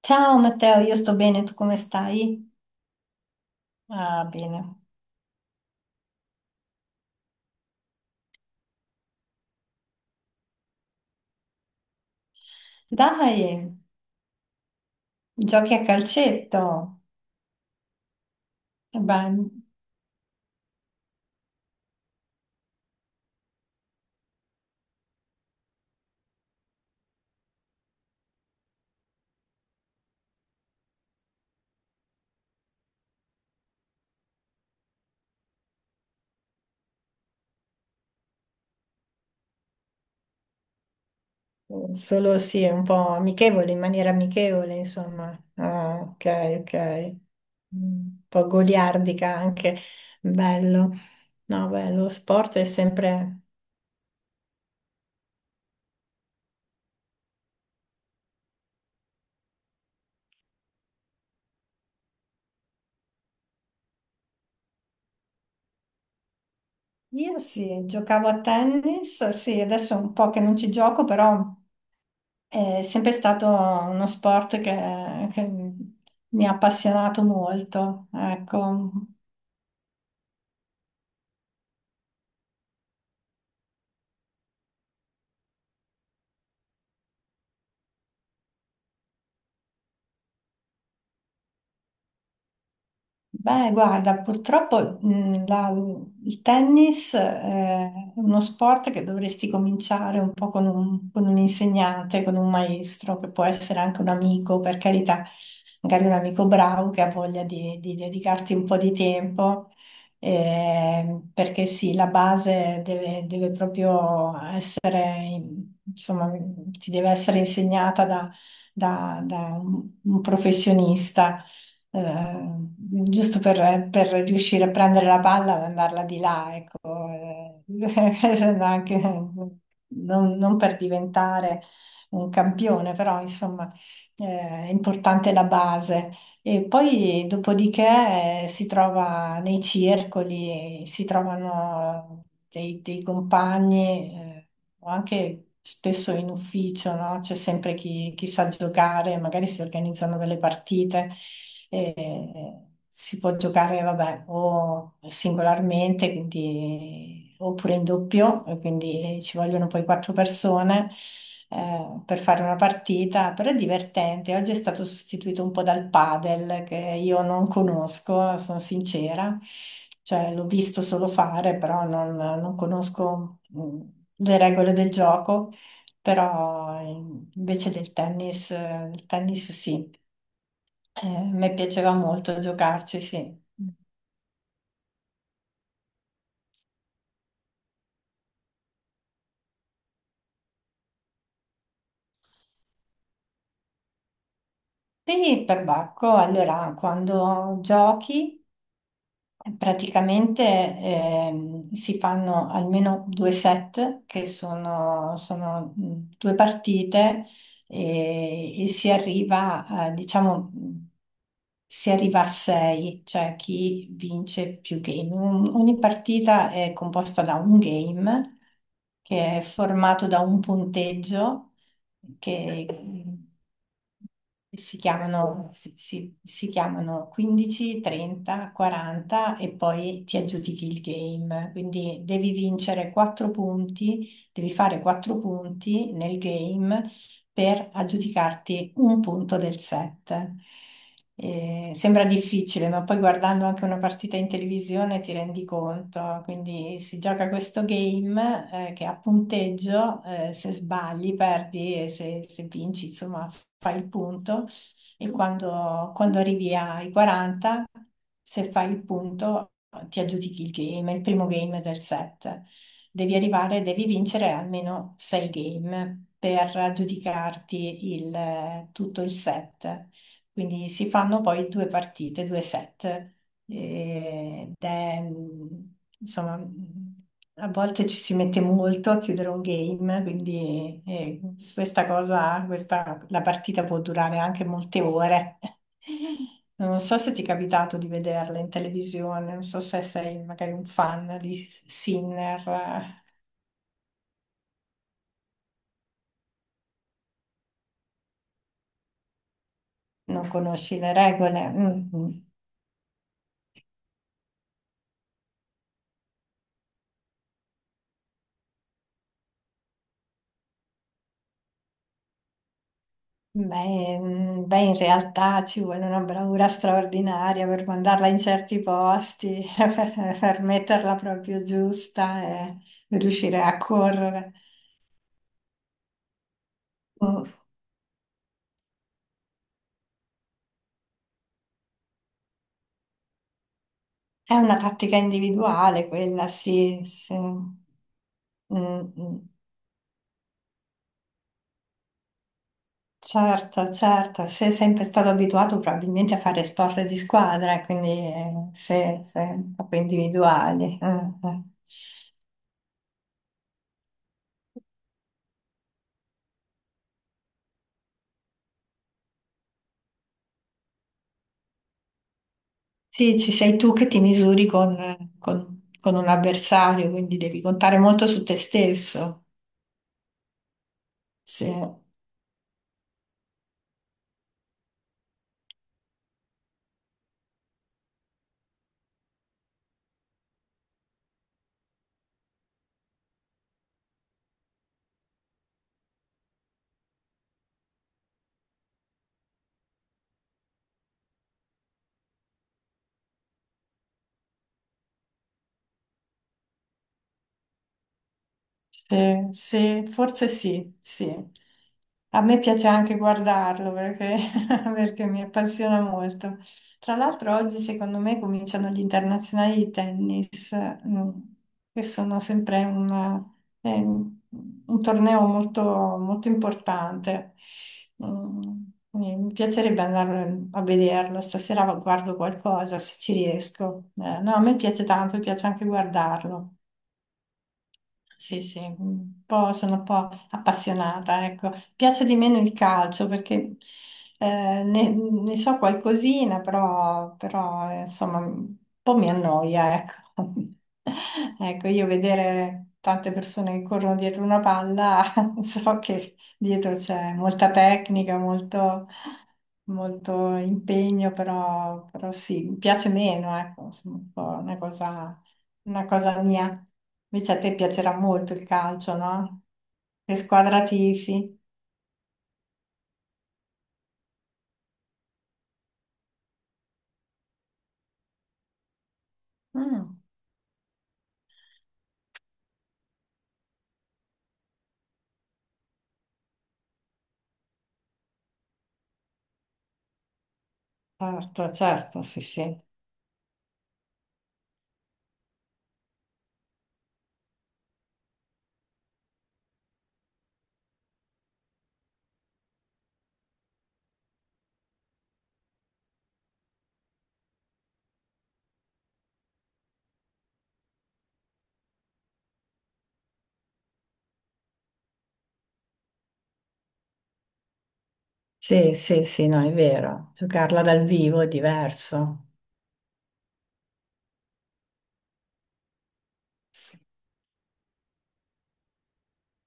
Ciao Matteo, io sto bene, tu come stai? Ah, bene. Dai, giochi a calcetto. Beh, solo sì, un po' amichevole, in maniera amichevole, insomma. Ah, ok, ok. Un po' goliardica anche. Bello. No, beh, lo sport è sempre. Io sì, giocavo a tennis, sì, adesso è un po' che non ci gioco, però. È sempre stato uno sport che mi ha appassionato molto, ecco. Beh, guarda, purtroppo, il tennis, è uno sport che dovresti cominciare un po' con con un insegnante, con un maestro, che può essere anche un amico, per carità, magari un amico bravo che ha voglia di dedicarti un po' di tempo, perché sì, la base deve proprio essere, insomma, ti deve essere insegnata da un professionista, giusto per riuscire a prendere la palla e mandarla di là, ecco, no, non per diventare un campione, però insomma, eh, è importante la base. E poi dopodiché, si trova nei circoli, si trovano dei compagni, o anche spesso in ufficio, no? C'è sempre chi sa giocare, magari si organizzano delle partite. Si può giocare, vabbè, o singolarmente, quindi, oppure in doppio, e quindi ci vogliono poi quattro persone, per fare una partita, però è divertente. Oggi è stato sostituito un po' dal padel, che io non conosco, sono sincera, cioè l'ho visto solo fare, però non conosco, le regole del gioco, però, invece del tennis, il tennis sì. Mi piaceva molto giocarci, sì. Quindi perbacco, allora, quando giochi praticamente, si fanno almeno due set, che sono due partite, e diciamo, si arriva a 6, cioè chi vince più game. Ogni partita è composta da un game, che è formato da un punteggio, che si chiamano 15, 30, 40 e poi ti aggiudichi il game. Quindi devi vincere 4 punti, devi fare 4 punti nel game per aggiudicarti un punto del set. Sembra difficile, ma poi guardando anche una partita in televisione ti rendi conto. Quindi si gioca questo game, che a punteggio, se sbagli perdi e se vinci, insomma, fai il punto. E quando arrivi ai 40, se fai il punto, ti aggiudichi il game, il primo game del set. Devi vincere almeno sei game per giudicarti, tutto il set. Quindi si fanno poi due partite, due set. Ed è, insomma, a volte ci si mette molto a chiudere un game, quindi, la partita può durare anche molte ore. Non so se ti è capitato di vederla in televisione, non so se sei magari un fan di Sinner, non conosci le regole. Mm, mm. Beh, in realtà ci vuole una bravura straordinaria per mandarla in certi posti, per metterla proprio giusta e per riuscire a correre. Mm, È una tattica individuale quella, sì, sì. Mm, mm. Certo, certo. Sei sempre stato abituato probabilmente a fare sport di squadra, quindi, se proprio individuali. Mm, mm. Sì, ci sei tu che ti misuri con un avversario, quindi devi contare molto su te stesso. Sì. Sì, sì, forse sì, sì. A me piace anche guardarlo perché, perché mi appassiona molto. Tra l'altro oggi secondo me cominciano gli internazionali di tennis, mm, che sono sempre eh, un torneo molto, molto importante. Mm, quindi mi piacerebbe andare a vederlo, stasera guardo qualcosa se ci riesco. No, a me piace tanto, mi piace anche guardarlo. Sì, sì, un po', sono un po' appassionata, ecco. Piace di meno il calcio, perché, ne so qualcosina, però, insomma, un po' mi annoia, ecco. Ecco, io vedere tante persone che corrono dietro una palla, so che dietro c'è molta tecnica, molto, molto impegno, però sì, mi piace meno, ecco, insomma, un po' una cosa mia. Invece a te piacerà molto il calcio, no? Che squadra tifi? Mm. Certo, certo, sì, sì. Sì, sì, sì, no, è vero. Giocarla dal vivo è diverso.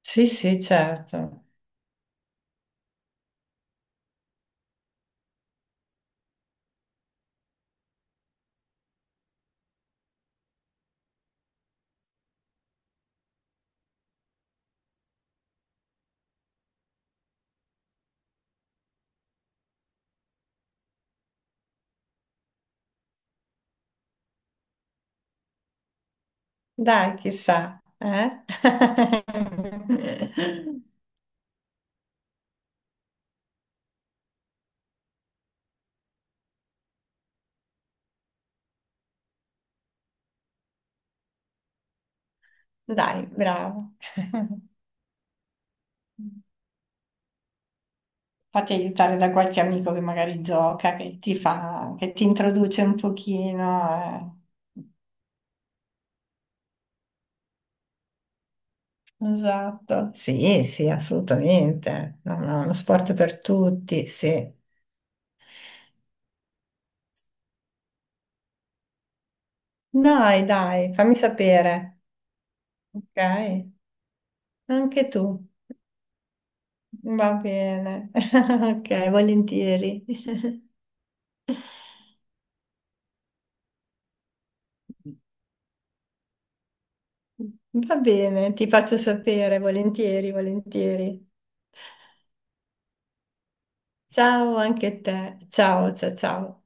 Sì, sì, certo. Dai, chissà, eh? Dai, bravo. Fatti aiutare da qualche amico che magari gioca, che ti fa, che ti introduce un pochino. eh. Esatto, sì, sì, assolutamente. No, no, uno sport per tutti, sì. Dai, dai, fammi sapere. Ok, anche tu. Va bene. Ok, volentieri. Va bene, ti faccio sapere, volentieri, volentieri. Ciao anche a te. Ciao, ciao, ciao.